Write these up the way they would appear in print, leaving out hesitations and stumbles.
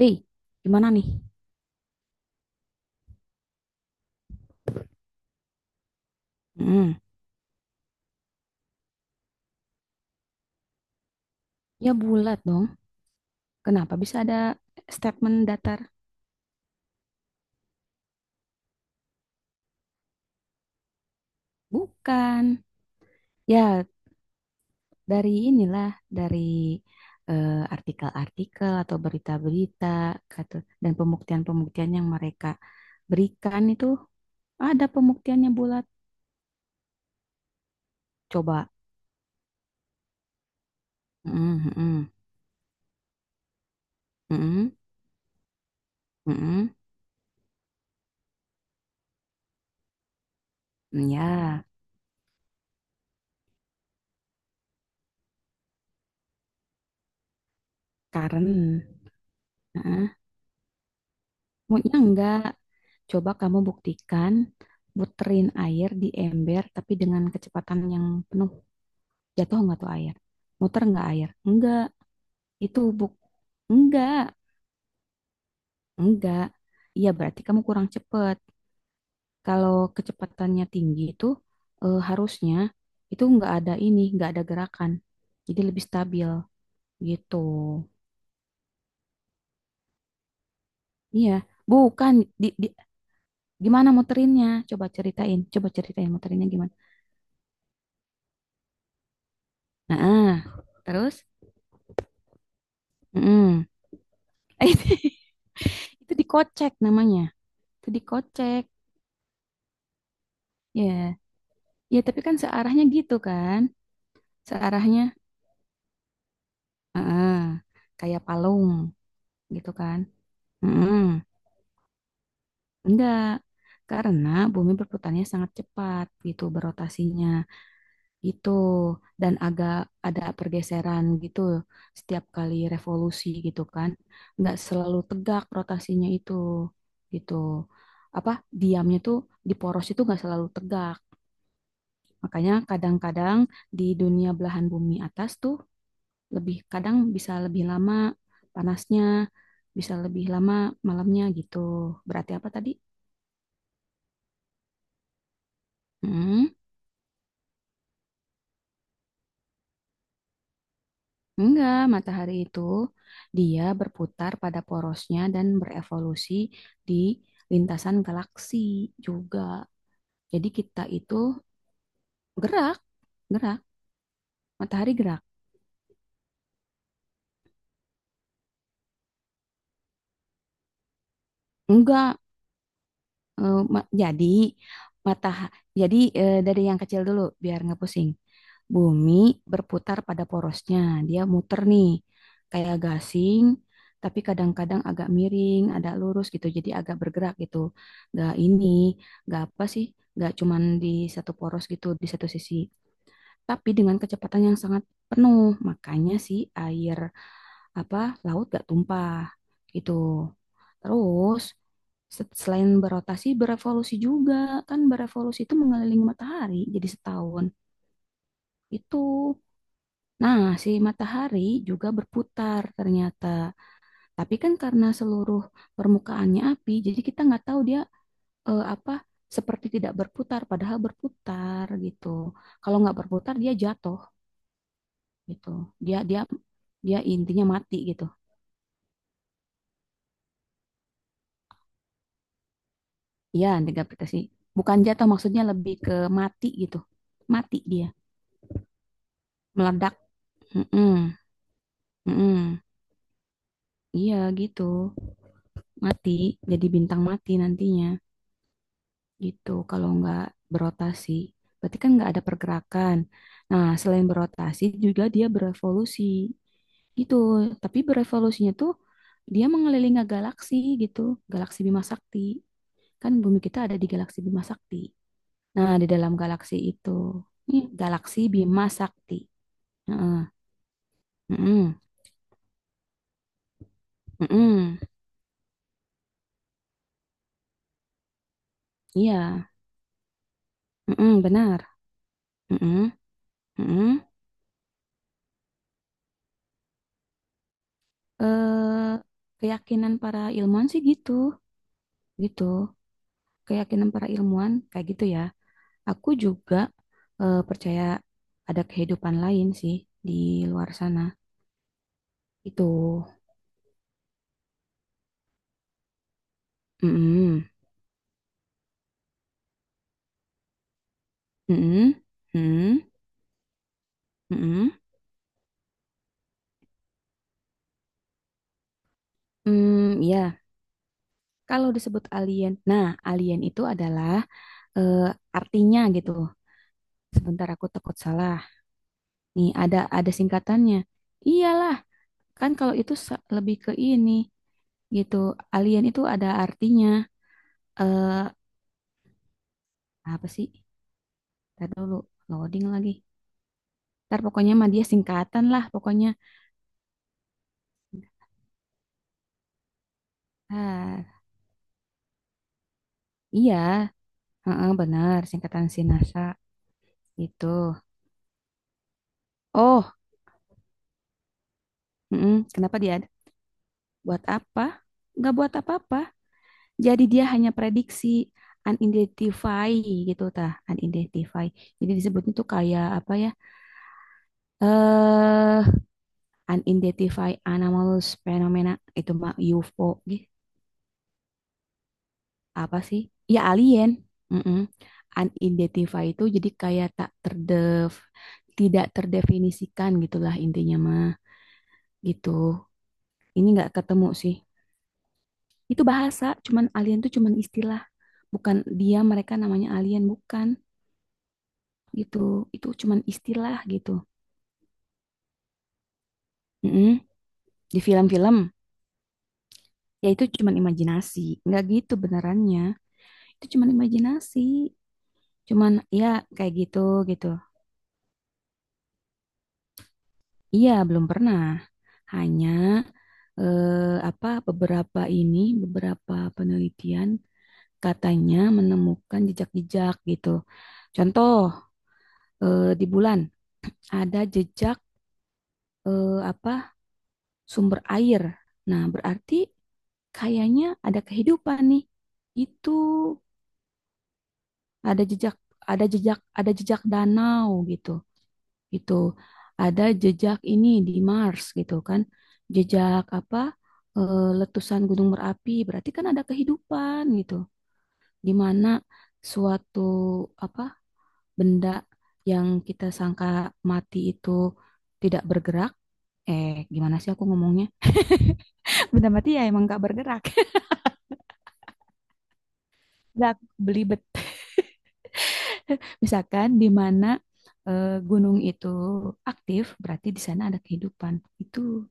Hei, gimana nih? Mm. Ya bulat dong. Kenapa bisa ada statement datar? Bukan. Ya dari inilah, dari eh, artikel-artikel atau berita-berita kata dan pembuktian-pembuktian yang mereka berikan itu ada pembuktiannya bulat. Coba. Mm-mm, mm-mm, mm-mm. Ya, karena. Maunya enggak. Coba kamu buktikan, muterin air di ember tapi dengan kecepatan yang penuh. Jatuh enggak tuh air? Muter enggak air? Enggak. Itu buk. Enggak. Enggak. Iya berarti kamu kurang cepet. Kalau kecepatannya tinggi itu harusnya itu enggak ada ini, enggak ada gerakan. Jadi lebih stabil gitu. Iya. Bukan. Di, di- Gimana muterinnya? Coba ceritain. Coba ceritain muterinnya gimana. Nah, ah. Terus? Mm-mm. Itu dikocek namanya. Itu dikocek. Ya. Ya, tapi kan searahnya gitu kan. Searahnya heeh, kayak palung gitu kan. Mm-mm. Enggak. Karena bumi berputarnya sangat cepat gitu berotasinya gitu dan agak ada pergeseran gitu setiap kali revolusi gitu kan. Enggak selalu tegak rotasinya itu gitu. Apa diamnya tuh di poros itu enggak selalu tegak. Makanya kadang-kadang di dunia belahan bumi atas tuh lebih kadang bisa lebih lama panasnya, bisa lebih lama malamnya gitu. Berarti apa tadi? Hmm. Enggak, matahari itu dia berputar pada porosnya dan berevolusi di lintasan galaksi juga. Jadi kita itu gerak, gerak, matahari gerak. Enggak. Jadi mata jadi dari yang kecil dulu biar nggak pusing. Bumi berputar pada porosnya. Dia muter nih kayak gasing tapi kadang-kadang agak miring, ada lurus gitu. Jadi agak bergerak gitu. Nggak ini, nggak apa sih? Nggak cuman di satu poros gitu, di satu sisi. Tapi dengan kecepatan yang sangat penuh. Makanya si air apa laut gak tumpah gitu. Terus selain berotasi berevolusi juga kan berevolusi itu mengelilingi matahari jadi setahun itu. Nah, si matahari juga berputar ternyata. Tapi kan karena seluruh permukaannya api, jadi kita nggak tahu dia apa seperti tidak berputar padahal berputar gitu. Kalau nggak berputar dia jatuh gitu. Dia dia dia intinya mati gitu. Iya, degadaptasi. Bukan jatuh, maksudnya lebih ke mati gitu. Mati dia, meledak. Mm-mm, mm-mm. Iya gitu, mati. Jadi bintang mati nantinya gitu. Kalau nggak berotasi, berarti kan nggak ada pergerakan. Nah, selain berotasi juga dia berevolusi gitu. Tapi berevolusinya tuh dia mengelilingi galaksi gitu, galaksi Bima Sakti. Kan bumi kita ada di galaksi Bima Sakti. Nah, di dalam galaksi itu, ini galaksi Bima Sakti. Heeh, heeh, heeh. Iya, heeh, benar. Heeh, heeh. Eh, Keyakinan para ilmuwan sih gitu, gitu. Keyakinan para ilmuwan kayak gitu ya. Aku juga percaya ada kehidupan lain sih di luar sana. Itu, heeh, heeh, heeh, heeh. Hmm, ya. Kalau disebut alien, nah alien itu adalah eh, artinya gitu. Sebentar aku takut salah. Nih ada singkatannya. Iyalah, kan kalau itu lebih ke ini gitu. Alien itu ada artinya. Eh Apa sih? Ntar dulu loading lagi. Ntar pokoknya mah dia singkatan lah pokoknya. Ah, iya, heeh, benar singkatan NASA gitu. Oh, mm-mm. Kenapa dia ada? Buat apa? Nggak buat apa-apa. Jadi dia hanya prediksi unidentify gitu tah, unidentify. Jadi disebutnya tuh kayak apa ya? Eh Unidentified anomalous phenomena itu mah UFO gitu. Apa sih? Ya alien. Mm-mm. Unidentified itu jadi kayak tak terdef tidak terdefinisikan gitulah intinya mah gitu. Ini nggak ketemu sih. Itu bahasa, cuman alien tuh cuman istilah. Bukan dia mereka namanya alien bukan. Gitu itu cuman istilah gitu. Mm-mm. Di film-film ya itu cuman imajinasi nggak gitu benerannya itu cuman imajinasi cuman ya kayak gitu gitu iya belum pernah hanya eh, apa beberapa ini beberapa penelitian katanya menemukan jejak-jejak gitu contoh di bulan ada jejak apa sumber air nah berarti kayaknya ada kehidupan nih. Itu ada jejak, ada jejak, ada jejak danau gitu, gitu. Ada jejak ini di Mars gitu kan, jejak apa? Letusan gunung berapi. Berarti kan ada kehidupan gitu, di mana suatu apa benda yang kita sangka mati itu tidak bergerak. Gimana sih aku ngomongnya? Benda mati ya emang gak bergerak. Gak beli bet Misalkan di mana gunung itu aktif, berarti di sana ada kehidupan. Itu.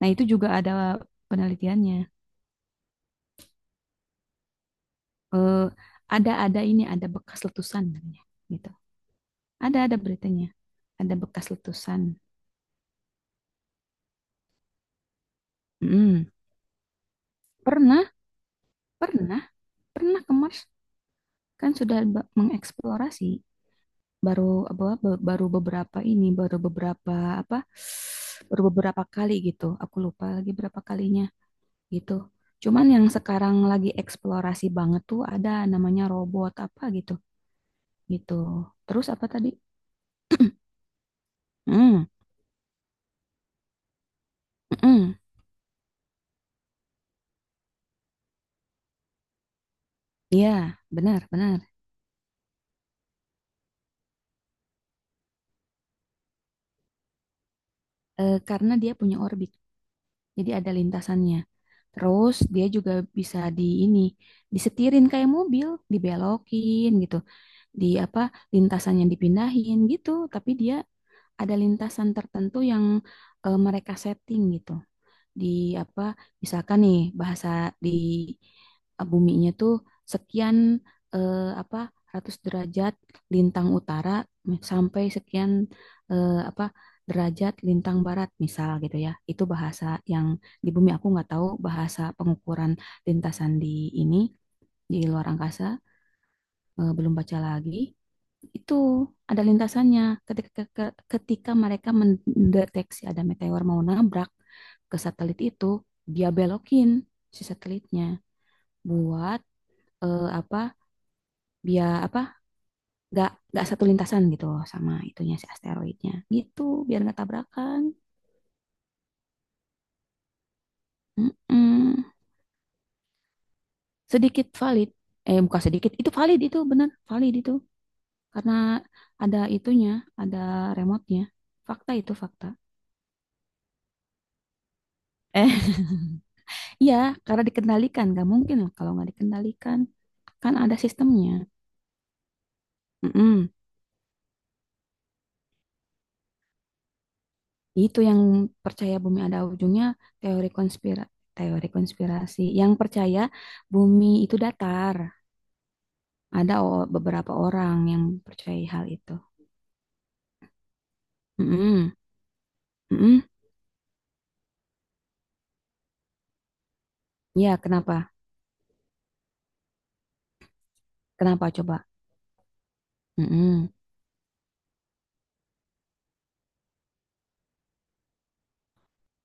Nah, itu juga ada penelitiannya. Eh, ada ini ada bekas letusan namanya, gitu. Ada beritanya. Ada bekas letusan. Mm. Pernah, pernah, pernah ke Mars kan sudah mengeksplorasi baru apa baru beberapa ini, baru beberapa apa baru beberapa kali gitu. Aku lupa lagi berapa kalinya gitu. Cuman yang sekarang lagi eksplorasi banget tuh ada namanya robot apa gitu, gitu. Terus apa tadi? Hmm, mm-mm. Iya, benar, benar. Karena dia punya orbit, jadi ada lintasannya. Terus dia juga bisa di ini, disetirin kayak mobil, dibelokin gitu. Di apa, lintasannya dipindahin gitu, tapi dia ada lintasan tertentu yang mereka setting gitu. Di apa misalkan nih bahasa di buminya tuh sekian eh, apa ratus derajat lintang utara sampai sekian apa derajat lintang barat misal gitu ya itu bahasa yang di bumi aku nggak tahu bahasa pengukuran lintasan di ini di luar angkasa belum baca lagi itu ada lintasannya ketika ketika mereka mendeteksi ada meteor mau nabrak ke satelit itu dia belokin si satelitnya buat apa biar apa nggak satu lintasan gitu loh sama itunya si asteroidnya gitu biar nggak tabrakan. Mm-mm. Sedikit valid bukan sedikit itu valid itu bener valid itu karena ada itunya ada remote-nya fakta itu fakta. Iya, karena dikendalikan. Gak mungkin lah kalau nggak dikendalikan. Kan ada sistemnya. Mm-mm. Itu yang percaya bumi ada ujungnya teori konspira teori konspirasi. Yang percaya bumi itu datar. Ada beberapa orang yang percaya hal itu. Mm-mm. Mm-mm. Iya, kenapa? Kenapa coba? Mm-mm.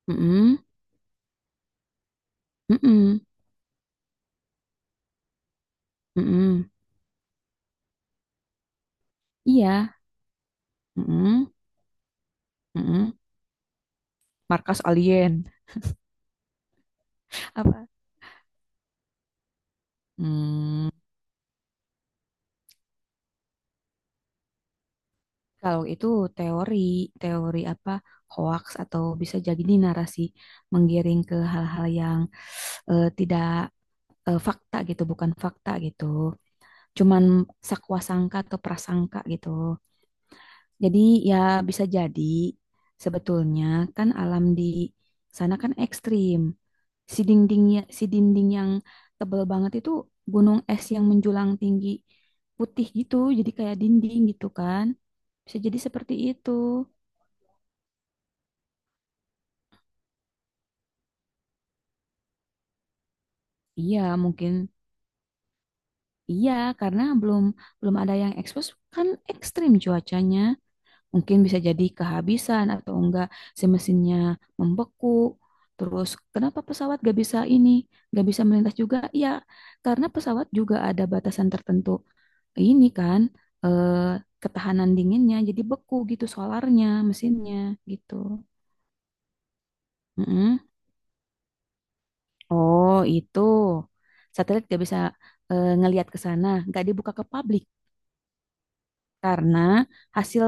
Mm-mm. Mm-mm. Mm-mm. Iya. Mm-mm. Mm-mm. Markas alien. Apa? Hmm. Kalau itu teori, teori apa hoax atau bisa jadi ini narasi menggiring ke hal-hal yang tidak fakta gitu, bukan fakta gitu. Cuman sakwasangka atau prasangka gitu. Jadi ya bisa jadi sebetulnya kan alam di sana kan ekstrim. Si dindingnya, si dinding yang tebel banget itu gunung es yang menjulang tinggi putih gitu, jadi kayak dinding gitu kan. Bisa jadi seperti itu. Iya, mungkin iya karena belum belum ada yang expose kan ekstrim cuacanya. Mungkin bisa jadi kehabisan atau enggak si mesinnya membeku. Terus kenapa pesawat gak bisa ini, gak bisa melintas juga? Iya, karena pesawat juga ada batasan tertentu. Ini kan eh, ketahanan dinginnya jadi beku gitu solarnya, mesinnya gitu. Mm-mm. Oh, itu. Satelit gak bisa ngelihat ke sana, gak dibuka ke publik karena hasil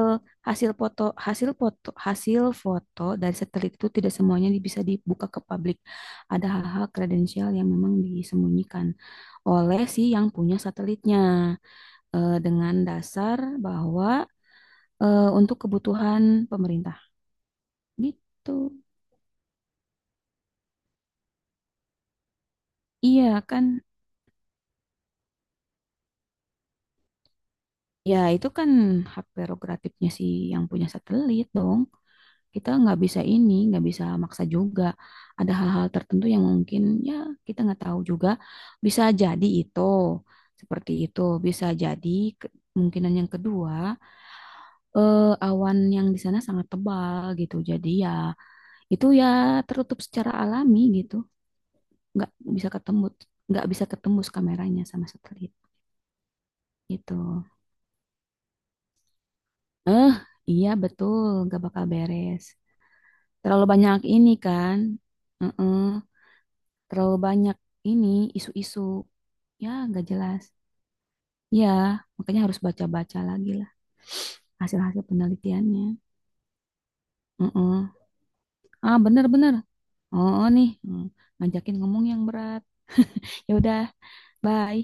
hasil foto hasil foto hasil foto dari satelit itu tidak semuanya bisa dibuka ke publik. Ada hal-hal kredensial yang memang disembunyikan oleh si yang punya satelitnya dengan dasar bahwa untuk kebutuhan pemerintah gitu. Iya kan? Ya itu kan hak prerogatifnya si yang punya satelit dong. Kita nggak bisa ini, nggak bisa maksa juga. Ada hal-hal tertentu yang mungkin ya kita nggak tahu juga. Bisa jadi itu seperti itu, bisa jadi kemungkinan yang kedua awan yang di sana sangat tebal gitu. Jadi ya itu ya tertutup secara alami gitu, nggak bisa ketemu, nggak bisa ketembus kameranya sama satelit gitu. Eh, iya betul, nggak bakal beres. Terlalu banyak ini kan. Heeh. Terlalu banyak ini isu-isu ya nggak jelas ya makanya harus baca-baca lagi lah hasil-hasil penelitiannya. Heeh. Ah bener-bener. Oh oh, nih. Ngajakin ngomong yang berat. Ya udah. Bye.